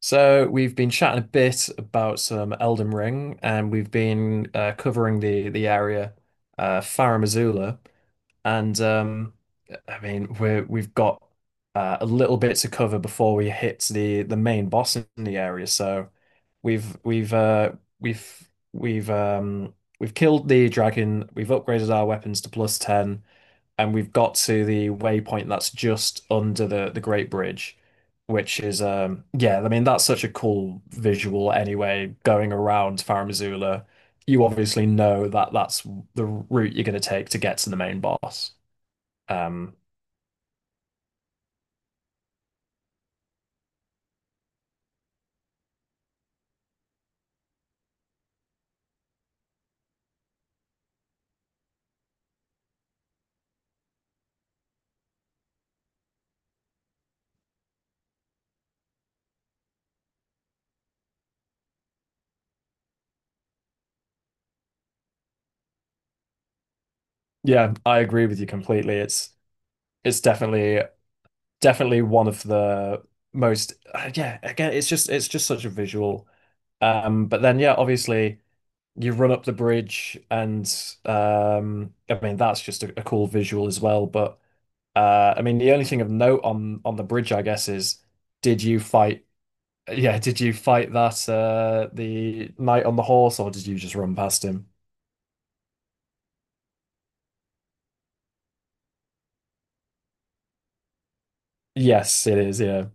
So we've been chatting a bit about some Elden Ring, and we've been covering the area, Farum Azula, and I mean we've got a little bit to cover before we hit the main boss in the area. So we've we've uh, we've we've um, we've killed the dragon. We've upgraded our weapons to plus ten and we've got to the waypoint that's just under the Great Bridge, which is yeah, I mean that's such a cool visual anyway, going around Farum Azula. You obviously know that that's the route you're going to take to get to the main boss. Um yeah, I agree with you completely. It's definitely definitely one of the most yeah, again, it's just such a visual but then yeah, obviously you run up the bridge and I mean that's just a cool visual as well but I mean the only thing of note on the bridge I guess is did you fight yeah, did you fight that the knight on the horse, or did you just run past him? Yes, it is, yeah.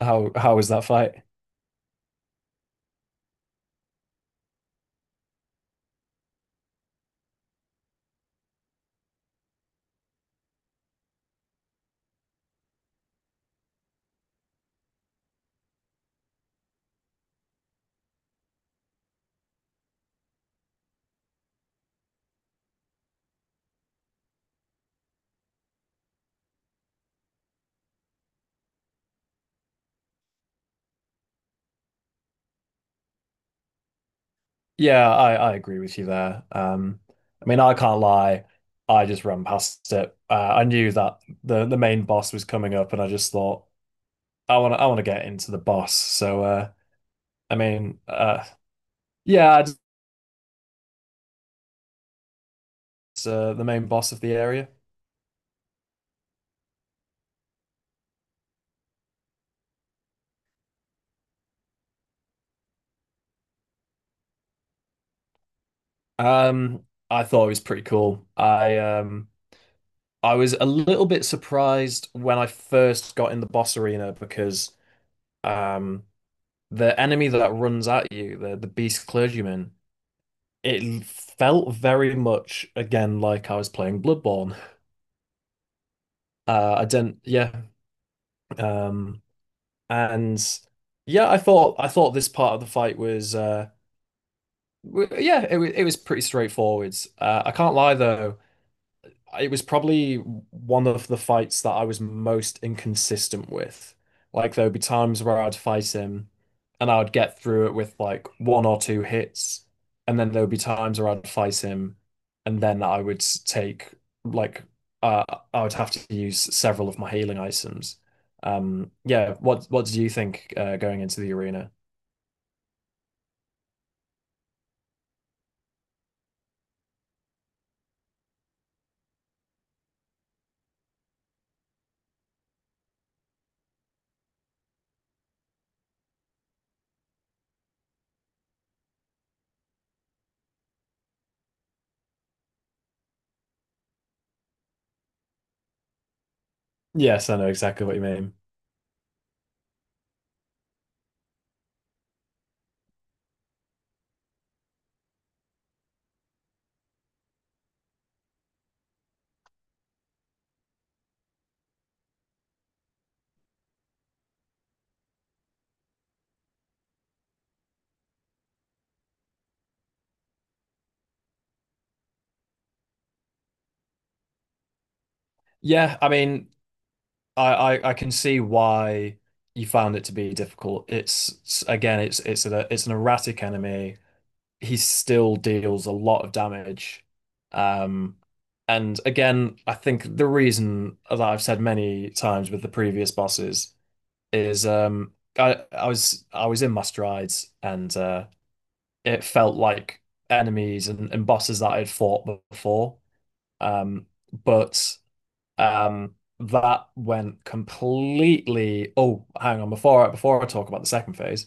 How was that fight? Yeah, I agree with you there. I mean I can't lie, I just ran past it. I knew that the main boss was coming up and I just thought I want to get into the boss, so I mean, yeah, it's the main boss of the area. Um, I thought it was pretty cool. I was a little bit surprised when I first got in the boss arena because um, the enemy that runs at you, the beast clergyman, it felt very much again like I was playing Bloodborne. I didn't, yeah, um, and yeah, I thought this part of the fight was yeah, it was pretty straightforward. I can't lie though, it was probably one of the fights that I was most inconsistent with. Like there would be times where I'd fight him, and I would get through it with like one or two hits, and then there would be times where I'd fight him, and then I would take like uh, I would have to use several of my healing items. Yeah, what did you think going into the arena? Yes, I know exactly what you mean. Yeah, I mean, I can see why you found it to be difficult. Again, it's a it's an erratic enemy. He still deals a lot of damage. Um, and again, I think the reason that I've said many times with the previous bosses is I was in my strides and it felt like enemies and bosses that I'd fought before. Um, but that went completely. Oh, hang on. Before I talk about the second phase,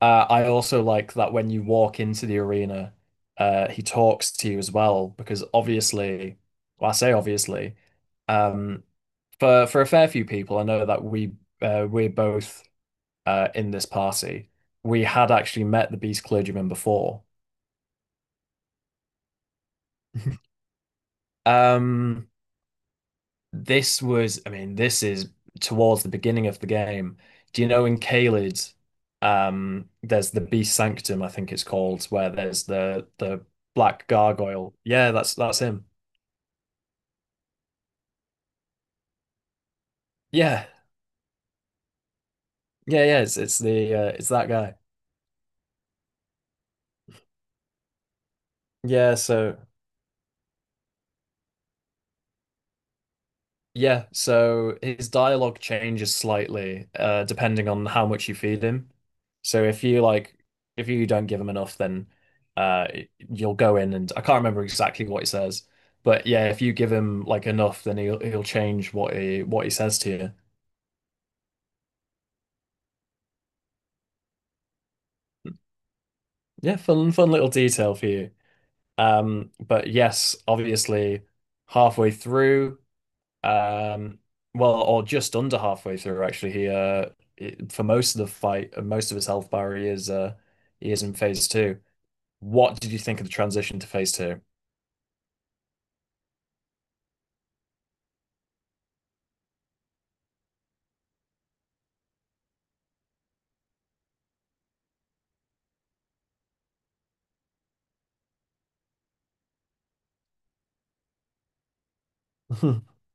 I also like that when you walk into the arena, he talks to you as well because obviously, well, I say obviously, um, for a fair few people, I know that we we're both in this party. We had actually met the Beast Clergyman before. Um, this was, I mean, this is towards the beginning of the game. Do you know in Caelid, there's the Beast Sanctum, I think it's called, where there's the black gargoyle. Yeah, that's him. Yeah, yeah, yeah. It's the it's that guy. Yeah, so. Yeah, so his dialogue changes slightly depending on how much you feed him. So if you like, if you don't give him enough, then uh, you'll go in and I can't remember exactly what he says, but yeah, if you give him like enough, then he'll change what he says to you. Yeah, fun fun little detail for you. But yes, obviously, halfway through. Um, well, or just under halfway through, actually. He for most of the fight, most of his health bar, he is in phase two. What did you think of the transition to phase two?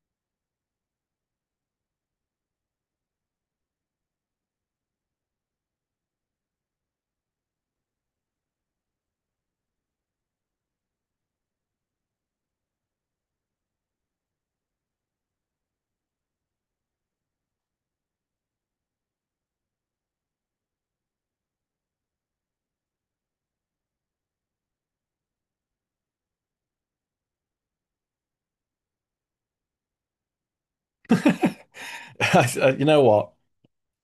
You know what?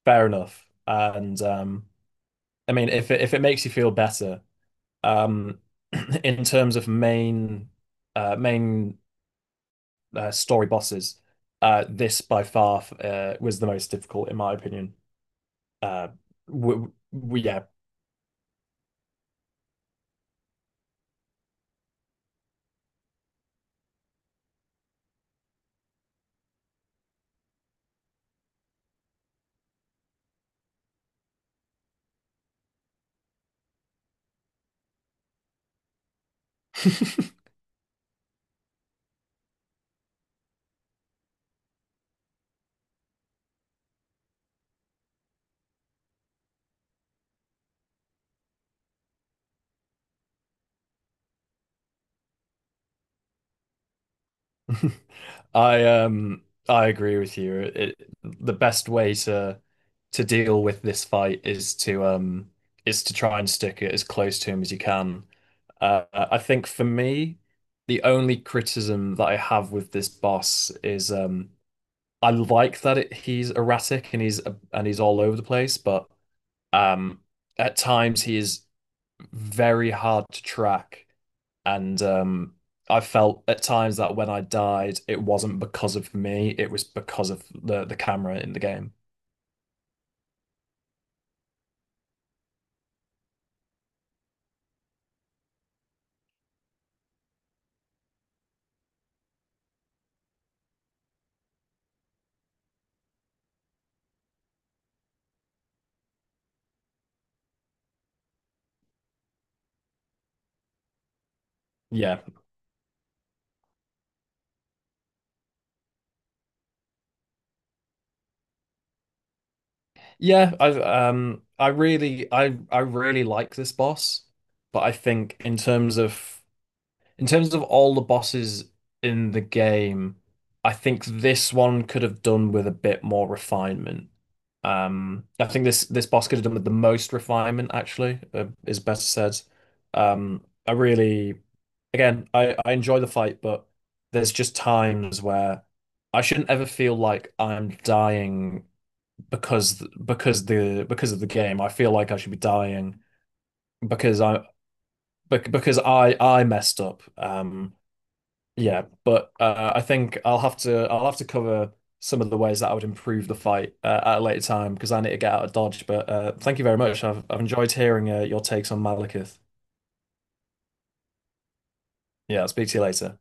Fair enough. And I mean, if it makes you feel better, um, in terms of main main story bosses, this by far was the most difficult, in my opinion. Uh, w w Yeah, I um I agree with you. It, the best way to deal with this fight is to try and stick it as close to him as you can. I think for me, the only criticism that I have with this boss is I like that it, he's erratic and he's all over the place, but um at times he is very hard to track. And I felt at times that when I died, it wasn't because of me, it was because of the camera in the game. Yeah. Yeah, I really like this boss, but I think in terms of in terms of all the bosses in the game, I think this one could have done with a bit more refinement. I think this boss could have done with the most refinement, actually, is best said. I really, again, I enjoy the fight, but there's just times where I shouldn't ever feel like I'm dying because of the game. I feel like I should be dying because I because I messed up. Yeah, but I think I'll have to cover some of the ways that I would improve the fight at a later time because I need to get out of Dodge. But thank you very much. I've enjoyed hearing your takes on Malekith. Yeah, I'll speak to you later.